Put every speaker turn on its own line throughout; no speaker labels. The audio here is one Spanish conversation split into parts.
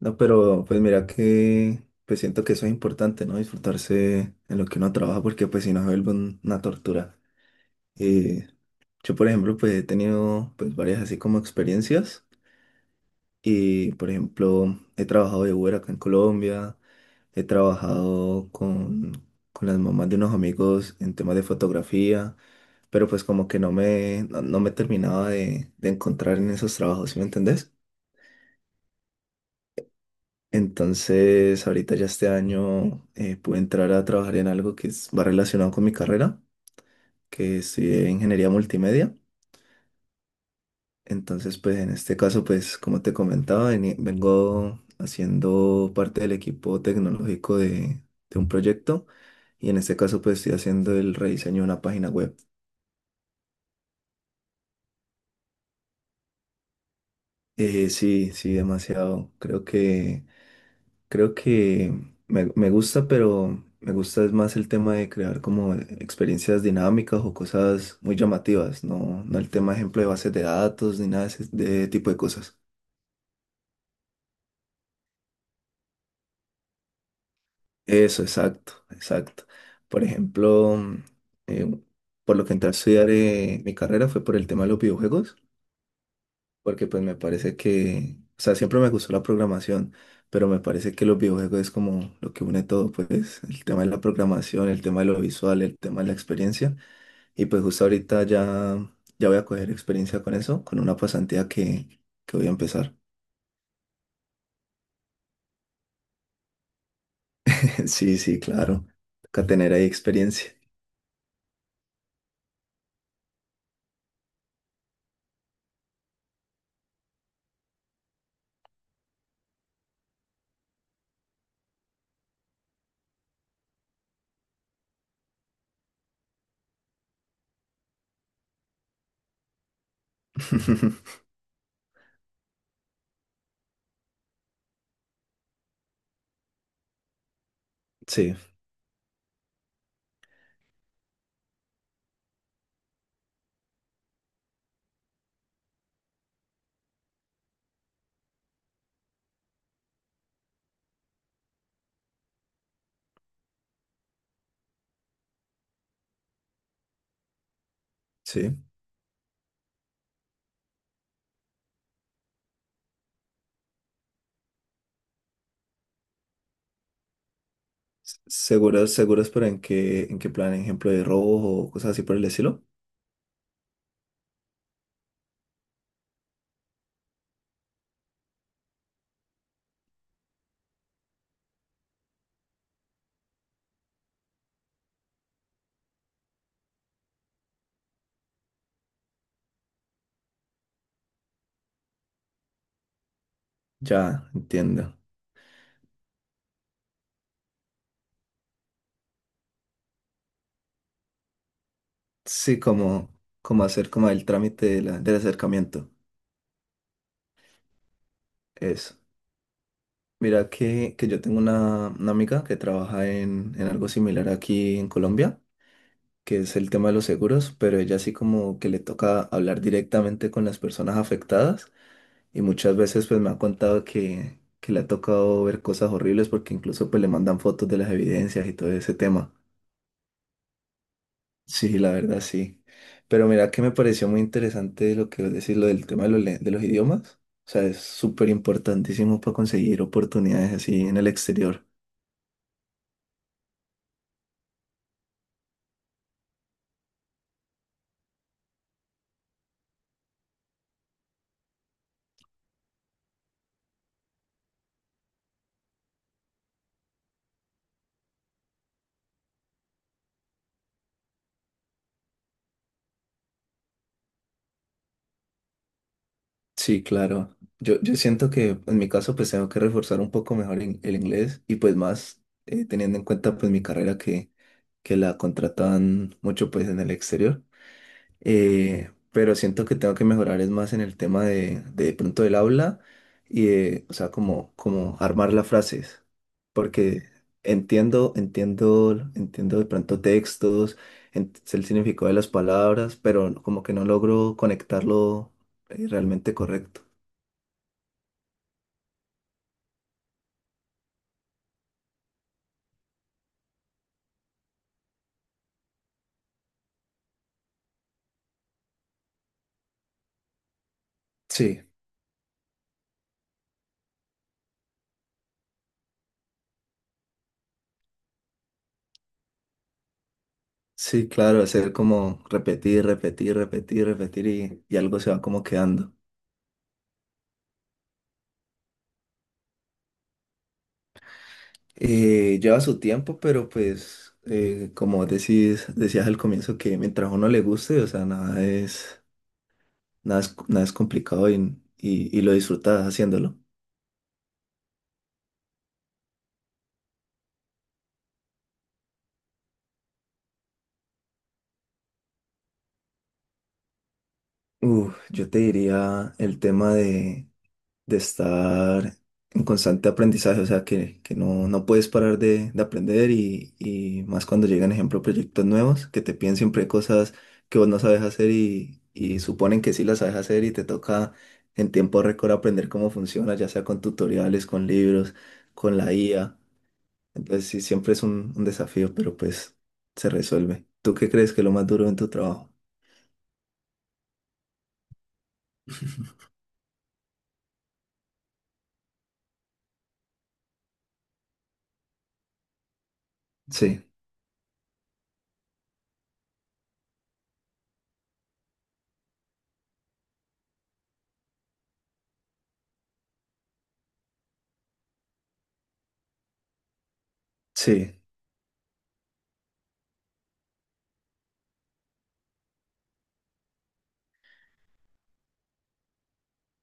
No, pero pues mira que pues siento que eso es importante, ¿no? Disfrutarse en lo que uno trabaja porque pues si no se vuelve una tortura. Eh, yo por ejemplo pues he tenido pues varias así como experiencias y por ejemplo he trabajado de Uber acá en Colombia, he trabajado con las mamás de unos amigos en temas de fotografía, pero pues como que no me terminaba de encontrar en esos trabajos, ¿sí me entendés? Entonces, ahorita ya este año pude entrar a trabajar en algo que va relacionado con mi carrera, que estudié ingeniería multimedia. Entonces, pues en este caso, pues como te comentaba, vengo haciendo parte del equipo tecnológico de un proyecto y en este caso, pues estoy haciendo el rediseño de una página web. Sí, sí, demasiado. Creo que me gusta, pero me gusta es más el tema de crear como experiencias dinámicas o cosas muy llamativas, no el tema, ejemplo, de bases de datos ni nada de ese de tipo de cosas. Eso, exacto, exacto. Por ejemplo, eh, por lo que entré a estudiar mi carrera fue por el tema de los videojuegos, porque pues me parece que, o sea, siempre me gustó la programación, pero me parece que los videojuegos es como lo que une todo, pues el tema de la programación, el tema de lo visual, el tema de la experiencia. Y pues justo ya voy a coger experiencia con eso, con una pasantía que voy a empezar. Sí, sí, claro. Toca tener ahí experiencia. Sí, sí. Seguros, seguros, pero en qué plan? ¿Ejemplo de robo o cosas así por el estilo? Ya, entiendo. Sí, como, como hacer como el trámite de del acercamiento. Eso. Mira que yo tengo una amiga que trabaja en algo similar aquí en Colombia. Que es el tema de los seguros, pero ella sí como que le toca hablar directamente con las personas afectadas y muchas veces pues me ha contado que le ha tocado ver cosas horribles porque incluso pues le mandan fotos de las evidencias y todo ese tema. Sí, la verdad sí. Pero mira que me pareció muy interesante lo que vos decís, lo del tema de de los idiomas. O sea, es súper importantísimo para conseguir oportunidades así en el exterior. Sí, claro. Yo siento que en mi caso pues tengo que reforzar un poco mejor el inglés y pues más teniendo en cuenta pues mi carrera que la contratan mucho pues en el exterior. Pero siento que tengo que mejorar es más en el tema de pronto del habla y de, o sea, como, como armar las frases. Porque entiendo de pronto textos, sé el significado de las palabras, pero como que no logro conectarlo realmente correcto. Sí, sí, claro, hacer como repetir, repetir, repetir, repetir y algo se va como quedando. Lleva su tiempo, pero pues como decías al comienzo que mientras a uno le guste, o sea, nada es complicado y lo disfrutas haciéndolo. Uf, yo te diría el tema de estar en constante aprendizaje, o sea, que no puedes parar de aprender y más cuando llegan, ejemplo, proyectos nuevos, que te piden siempre cosas que vos no sabes hacer y suponen que sí las sabes hacer y te toca en tiempo récord aprender cómo funciona, ya sea con tutoriales, con libros, con la IA. Entonces, sí, siempre es un desafío, pero pues se resuelve. ¿Tú qué crees que es lo más duro en tu trabajo? Sí, sí,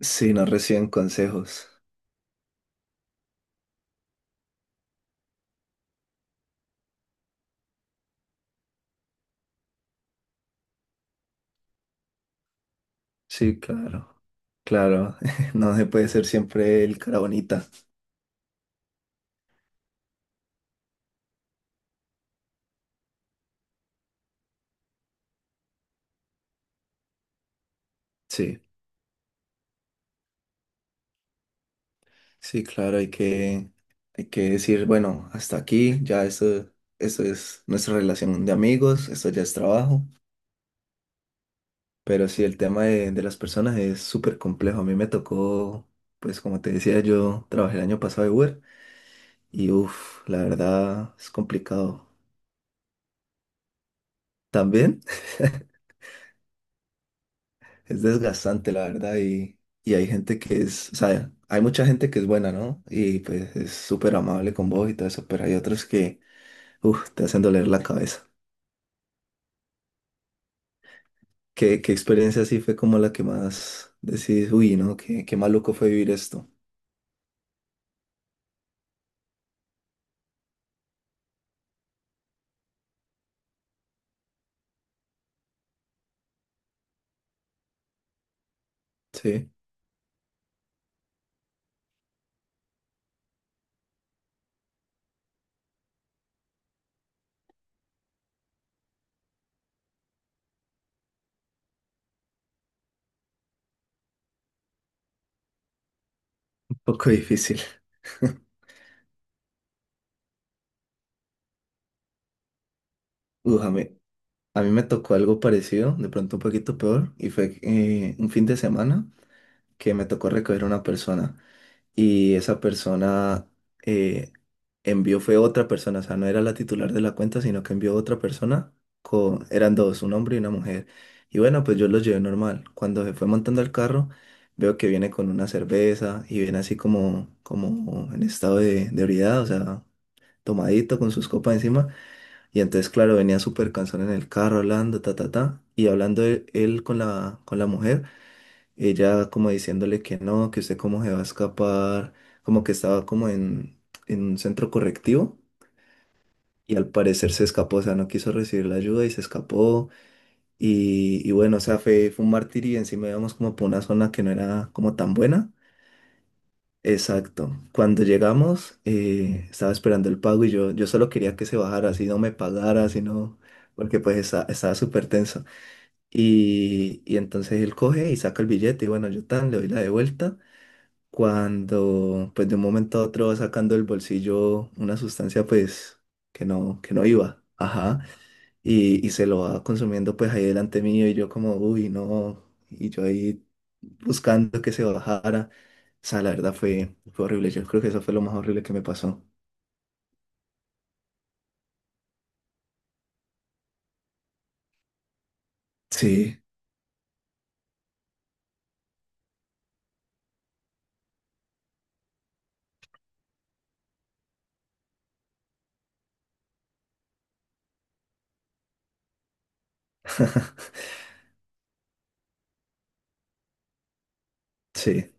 sí, no reciben consejos. Sí, claro. Claro, no se puede ser siempre el cara bonita. Sí, sí, claro, hay que decir, bueno, hasta aquí, esto es nuestra relación de amigos, esto ya es trabajo, pero sí, el tema de las personas es súper complejo. A mí me tocó, Pues como te decía, yo trabajé el año pasado de Uber y uff, la verdad es complicado. ¿También? Es desgastante, la verdad, y hay gente que es, o sea, hay mucha gente que es buena, ¿no? Y pues es súper amable con vos y todo eso, pero hay otros que, uff, te hacen doler la cabeza. Qué experiencia así fue como la que más decís, uy, ¿no? Qué maluco fue vivir esto. Sí, un poco difícil. Uf, a mí me tocó algo parecido, de pronto un poquito peor, y fue un fin de semana que me tocó recoger a una persona. Y esa persona eh, envió, fue otra persona, o sea, no era la titular de la cuenta, sino que envió otra persona, con, eran dos, un hombre y una mujer. Y bueno, pues yo los llevé normal. Cuando se fue montando el carro, veo que viene con una cerveza y viene así como, como en estado de ebriedad, o sea, tomadito con sus copas encima. Y entonces, claro, venía súper cansón en el carro hablando, ta, ta, ta, y hablando él con con la mujer, ella como diciéndole que no, que usted cómo se va a escapar, como que estaba como en un centro correctivo y al parecer se escapó, o sea, no quiso recibir la ayuda y se escapó y bueno, o sea, fue un martirio y encima íbamos como por una zona que no era como tan buena. Exacto. Cuando llegamos, estaba esperando el pago y yo solo quería que se bajara, así no me pagara, así no, porque pues estaba súper tenso. Y entonces él coge y saca el billete y bueno, yo tan le doy la de vuelta. Cuando pues de un momento a otro va sacando del bolsillo una sustancia pues que no iba, ajá, y se lo va consumiendo pues ahí delante mío y yo como, uy, no, y yo ahí buscando que se bajara, o sea, la verdad fue horrible, yo creo que eso fue lo más horrible que me pasó. Sí, sí.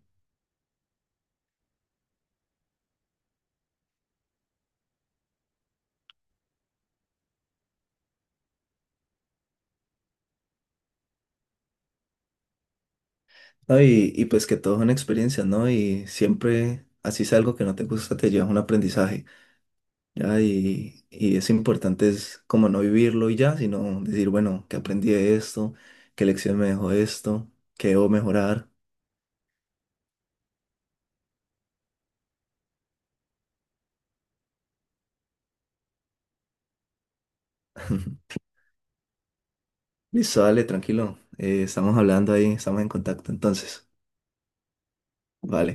No, Y y pues que todo es una experiencia, ¿no? Y siempre, así es algo que no te gusta, te llevas un aprendizaje. Ya, y es importante es como no vivirlo y ya, sino decir, bueno, que aprendí de esto, qué lección me dejó esto, qué debo mejorar. Listo, dale, tranquilo. Estamos hablando ahí, estamos en contacto entonces. Vale.